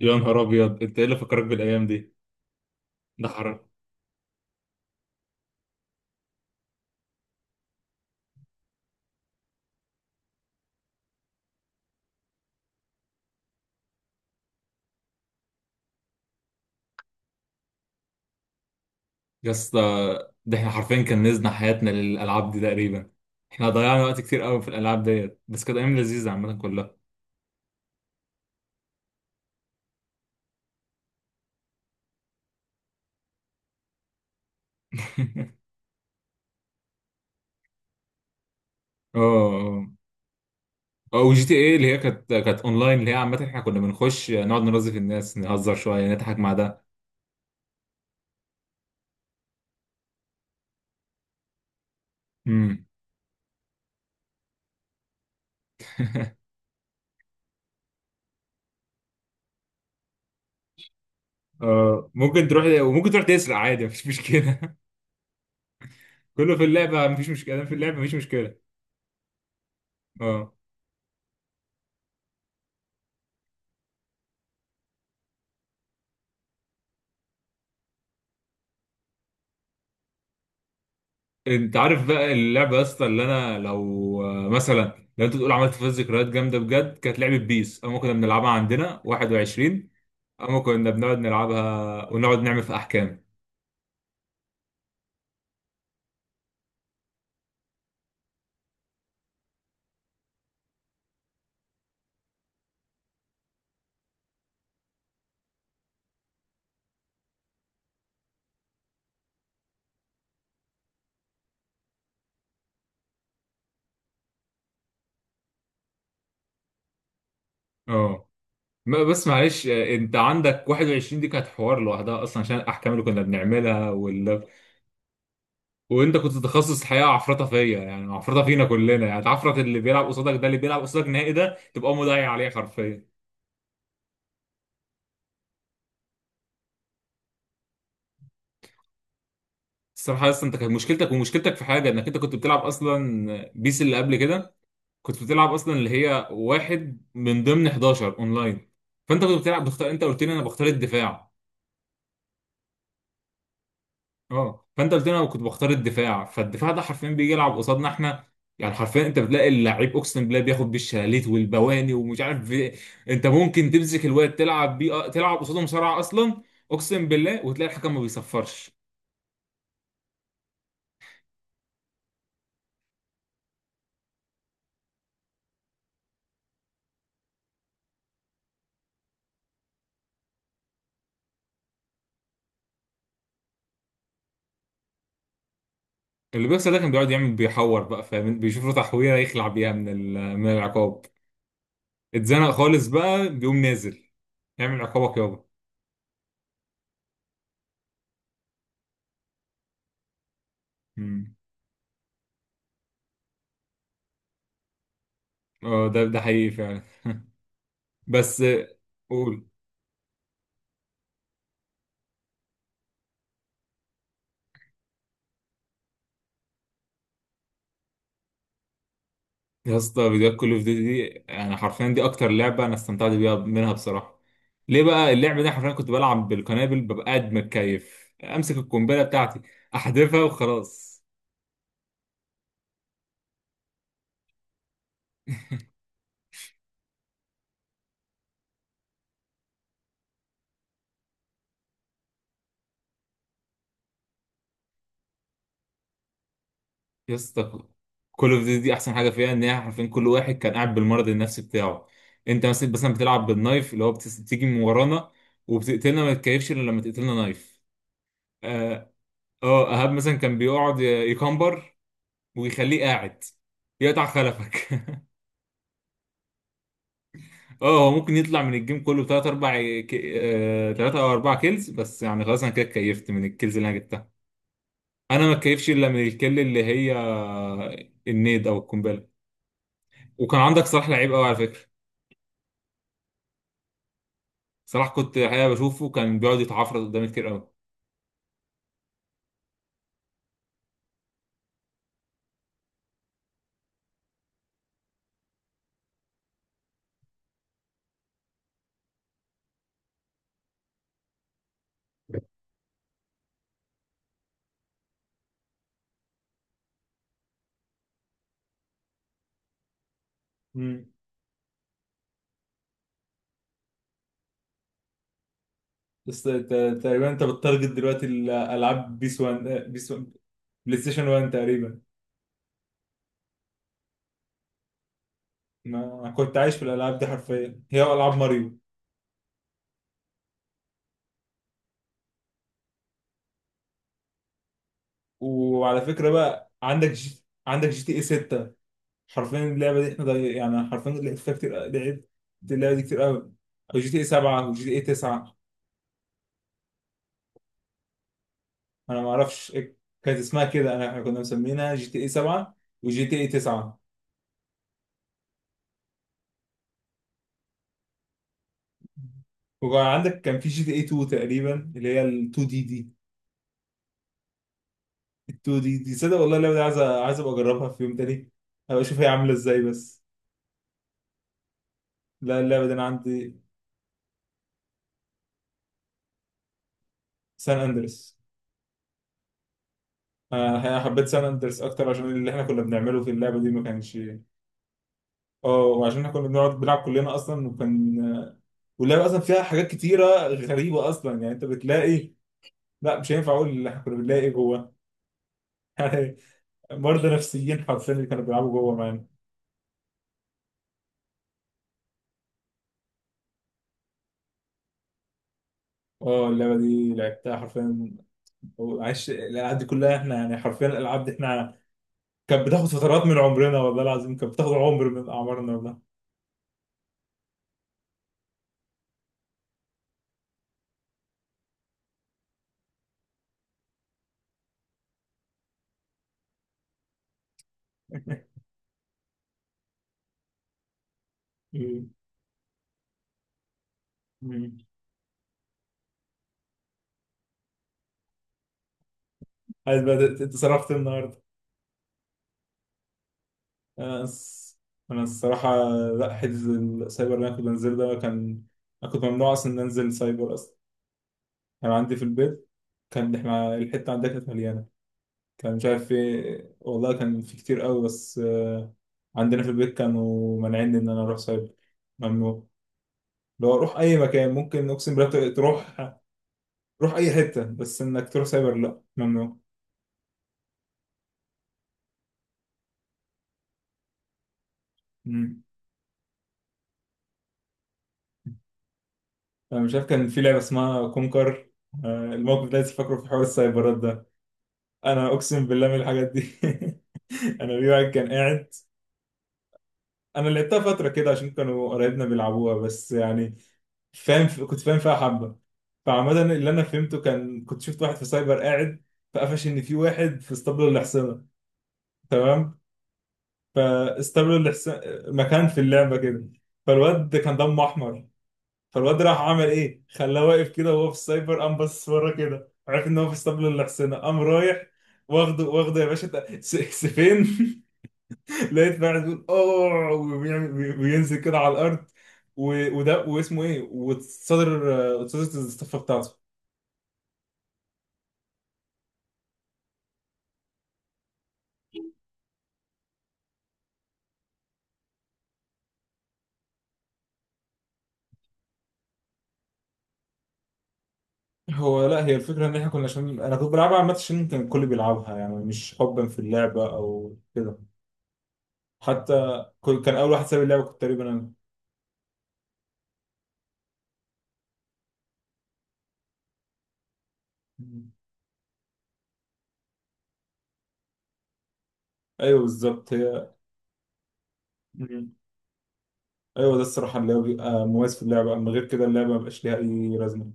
يا نهار ابيض، انت ايه اللي فكرك بالايام دي؟ ده حرام يا اسطى. ده احنا حرفيا كنزنا حياتنا للالعاب دي تقريبا. احنا ضيعنا وقت كتير قوي في الالعاب ديت، بس كانت ايام لذيذه عامه كلها. اه. اه، وجي تي ايه اللي هي كانت اونلاين، اللي هي عامه احنا كنا بنخش نقعد نرازي في الناس، نهزر شويه، نضحك مع ده. امم اه، ممكن تروح وممكن تروح تسرق عادي مفيش مشكله. كله في اللعبه، مفيش مشكله في اللعبه مفيش مشكله. اه. انت عارف بقى اللعبه يا اسطى؟ اللي انا لو مثلا لو انت تقول عملت فيها ذكريات جامده بجد، كانت لعبه بيس اما كنا بنلعبها عندنا 21. اما كنا بنقعد نلعبها ونقعد نعمل في احكام. اه، بس معلش، انت عندك 21 دي كانت حوار لوحدها اصلا عشان الاحكام اللي كنا بنعملها وانت كنت تخصص الحقيقه عفرطه فيا، يعني عفرطه فينا كلنا، يعني تعفرط اللي بيلعب قصادك. ده اللي بيلعب قصادك نهائي ده تبقى مضيع عليه حرفيا. الصراحة اصلا انت كانت مشكلتك، ومشكلتك في حاجة، انك انت كنت بتلعب اصلا بيس اللي قبل كده. كنت بتلعب اصلا اللي هي واحد من ضمن 11 اونلاين، فانت كنت بتلعب بختار. انت قلت لي انا بختار الدفاع. اه، فانت قلت لي انا كنت بختار الدفاع، فالدفاع ده حرفيا بيجي يلعب قصادنا احنا. يعني حرفيا انت بتلاقي اللعيب، اقسم بالله، بياخد بالشلاليت والبواني ومش عارف إيه. انت ممكن تمسك الواد تلعب بيه، تلعب قصاده مصارعة اصلا. اقسم بالله، وتلاقي الحكم ما بيصفرش. اللي بيحصل ده كان بيقعد يعمل، بيحور بقى، فاهم، بيشوف له تحويره يخلع بيها من من العقاب. اتزنق خالص بقى بيقوم نازل يعمل عقابك يابا. مم. اه، ده حقيقي فعلا. بس قول يا اسطى. فيديوهات كل اوف ديوتي دي يعني حرفيا دي اكتر لعبه انا استمتعت بيها منها بصراحه. ليه بقى؟ اللعبه دي حرفيا كنت بلعب بالقنابل، ببقى قاعد متكيف امسك القنبله بتاعتي احذفها وخلاص. يا اسطى، كل اوف دي احسن حاجه فيها ان هي حرفيا كل واحد كان قاعد بالمرض النفسي بتاعه. انت مثلا بتلعب بالنايف، اللي هو بتيجي من ورانا وبتقتلنا، ما تتكيفش الا لما تقتلنا نايف. اه، ايهاب مثلا كان بيقعد يكمبر، ويخليه قاعد يقطع خلفك. اه، هو ممكن يطلع من الجيم كله بتلات اربع، ثلاثة او اربع كيلز بس، يعني خلاص انا كده اتكيفت من الكيلز اللي انا جبتها. انا ما اتكيفش الا من الكيل، اللي هي آه، النيد او القنبله. وكان عندك صلاح لعيب قوي على فكره. صراحة كنت الحقيقة بشوفه كان بيقعد يتعفرط قدامي كتير قوي. مم. بس تقريبا انت بتتارجت دلوقتي الالعاب، بيس 1، بيس 1، بلاي ستيشن 1 تقريبا. ما كنت عايش في الالعاب دي حرفيا، هي العاب ماريو. وعلى فكره بقى، عندك عندك جي تي اي 6. حرفيا اللعبه دي احنا يعني حرفيا لعبت فيها كتير، لعبت اللعبه دي كتير قوي. او جي تي اي 7 وجي تي اي 9. انا ما اعرفش إيه كانت اسمها كده، انا احنا كنا مسمينها جي تي اي 7 وجي تي اي 9. وكان عندك كان في جي تي اي 2 تقريبا، اللي هي ال 2 دي دي. ال 2 دي دي، صدق والله اللعبه دي عايز عايز ابقى اجربها في يوم تاني، ابقى اشوف هي عامله ازاي بس. لا، اللعبه دي انا عندي سان اندرس. آه، حبيت سان اندرس اكتر عشان اللي احنا كنا بنعمله في اللعبه دي ما كانش. اه، وعشان احنا كنا بنقعد بنلعب كلنا اصلا، وكان واللعبه اصلا فيها حاجات كتيره غريبه اصلا، يعني انت بتلاقي، لا مش هينفع اقول اللي احنا كنا بنلاقي جوه. يعني مرضى نفسيين حرفيا اللي كانوا بيلعبوا جوه معانا. اه، اللعبه دي لعبتها حرفيا. وعاش الالعاب دي كلها، احنا يعني حرفيا الالعاب دي احنا، كانت بتاخد فترات من عمرنا، والله العظيم كانت بتاخد عمر من اعمارنا والله. مم. مم. عايز بقى اتصرفت النهارده. انا الص- انا الصراحه، لا، حجز السايبر اللي انا كنت بنزله ده كان، انا كنت ممنوع اصلا ان انزل سايبر اصلا. كان عندي في البيت، كان احنا الحته عندنا كانت مليانه، كان مش عارف ايه والله، كان في كتير قوي بس عندنا في البيت كانوا مانعيني ان انا اروح سايبر، ممنوع. لو اروح اي مكان ممكن، اقسم بالله، تروح تروح اي حته، بس انك تروح سايبر لا، ممنوع. مم. انا مش عارف، كان في لعبه اسمها كونكر، الموقف ده لسه فاكره في حوار السايبرات ده. انا اقسم بالله من الحاجات دي. انا، في واحد كان قاعد. انا لعبتها فتره كده عشان كانوا قرايبنا بيلعبوها بس، يعني فاهم، كنت فاهم فيها حبه. فعمدا، اللي انا فهمته، كان كنت شفت واحد في سايبر قاعد، فقفش ان في واحد في اسطبل الاحصنه، تمام، فاستبدلوا الحسن... مكان في اللعبه كده، فالواد كان دمه احمر، فالواد راح عمل ايه، خلاه واقف كده وهو في السايبر، قام باصص ورا كده، عرف ان هو في اسطبل الحسنة، قام رايح واخده واخده يا باشا سيفين. لقيت بعد بيقول اوه، بينزل كده على الارض، وده واسمه ايه، تصدر الصفه بتاعته. هو لا، هي الفكره ان احنا كنا، عشان انا كنت بلعبها عامه عشان كان الكل بيلعبها، يعني مش حبا في اللعبه او كده. حتى كان اول واحد ساب اللعبه كنت تقريبا انا. مم. ايوه بالظبط هي. مم. ايوه، ده الصراحه اللي هو بيبقى مميز في اللعبه، اما غير كده اللعبه ما بقاش ليها اي لازمه.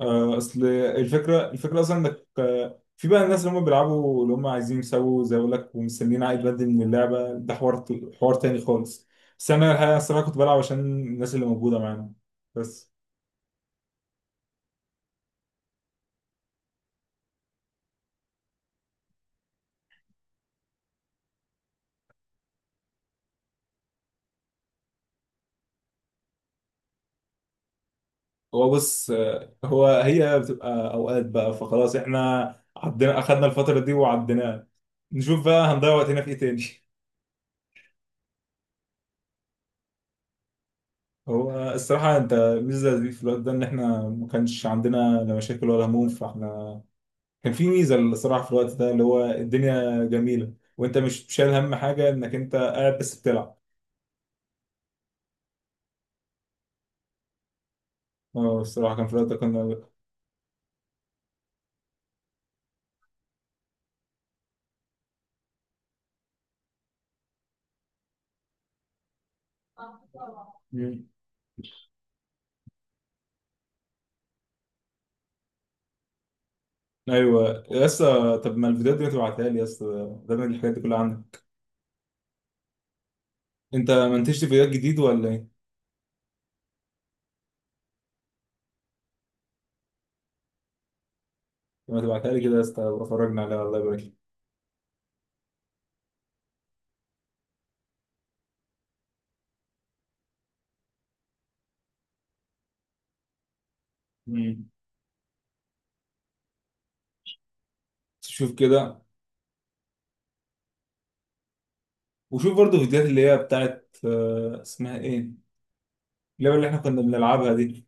اصل الفكره، الفكره اصلا انك، في بقى الناس اللي هم بيلعبوا، اللي هم عايزين يسووا زي، اقول لك، ومستنيين عائد مادي من اللعبه، ده حوار، حوار تاني خالص. بس انا الحقيقه، الصراحه، كنت بلعب عشان الناس اللي موجوده معانا بس. هو بص، هو، هي بتبقى اوقات بقى، فخلاص احنا عدينا، اخدنا الفتره دي وعديناها، نشوف بقى هنضيع وقتنا في ايه تاني. هو الصراحه انت الميزه دي في الوقت ده ان احنا ما كانش عندنا لا مشاكل ولا هموم، فاحنا، كان في ميزه الصراحه في الوقت ده، اللي هو الدنيا جميله وانت مش شايل هم حاجه، انك انت قاعد بس بتلعب. اه، الصراحه كان في الوقت ده كنا. مم. ايوه يا اسطى، طب ما الفيديوهات دي ما تبعتها لي يا اسطى؟ ده من الحاجات دي كلها عندك، انت ما انتجت فيديوهات جديد ولا ايه؟ لما تبعتها لي كده يا اسطى، أبقى اتفرجنا عليها، الله يبارك لك. مم. شوف كده. وشوف برضه فيديوهات اللي هي بتاعت اسمها ايه، اللعبة اللي احنا كنا بنلعبها دي،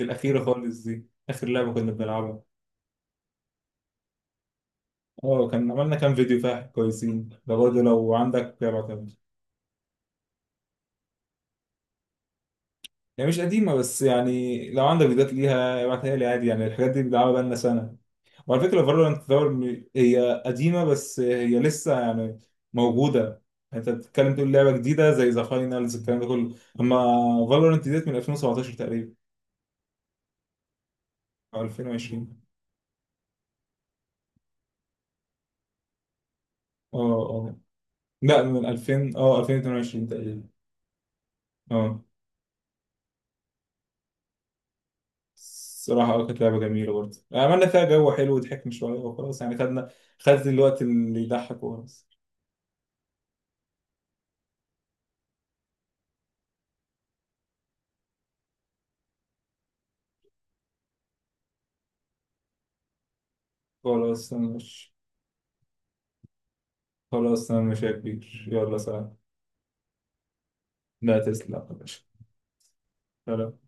الأخيرة خالص دي، آخر لعبة كنا بنلعبها. اه، كان عملنا كام فيديو فيها كويسين، ده برضه لو عندك ابعتها لي. هي مش قديمة، بس يعني لو عندك فيديوهات ليها ابعتها لي عادي، يعني الحاجات دي بنلعبها بقالنا سنة. وعلى فكرة فالورانت دور، هي قديمة بس هي لسه يعني موجودة. انت بتتكلم تقول لعبة جديدة زي ذا فاينلز الكلام ده كله، اما فالورانت ديت من 2017 تقريبا او 2020. اه، اه، لا من 2000، اه 2022 تقريبا. اه، الصراحة اه كانت لعبة جميلة برضه، عملنا فيها جو حلو وضحكنا شوية وخلاص، يعني خدنا، خدت الوقت اللي يضحك وخلاص. خلاص انا مش خلاص انا مش يا كبير، يلا سلام. لا، تسلم يا باشا. سلام.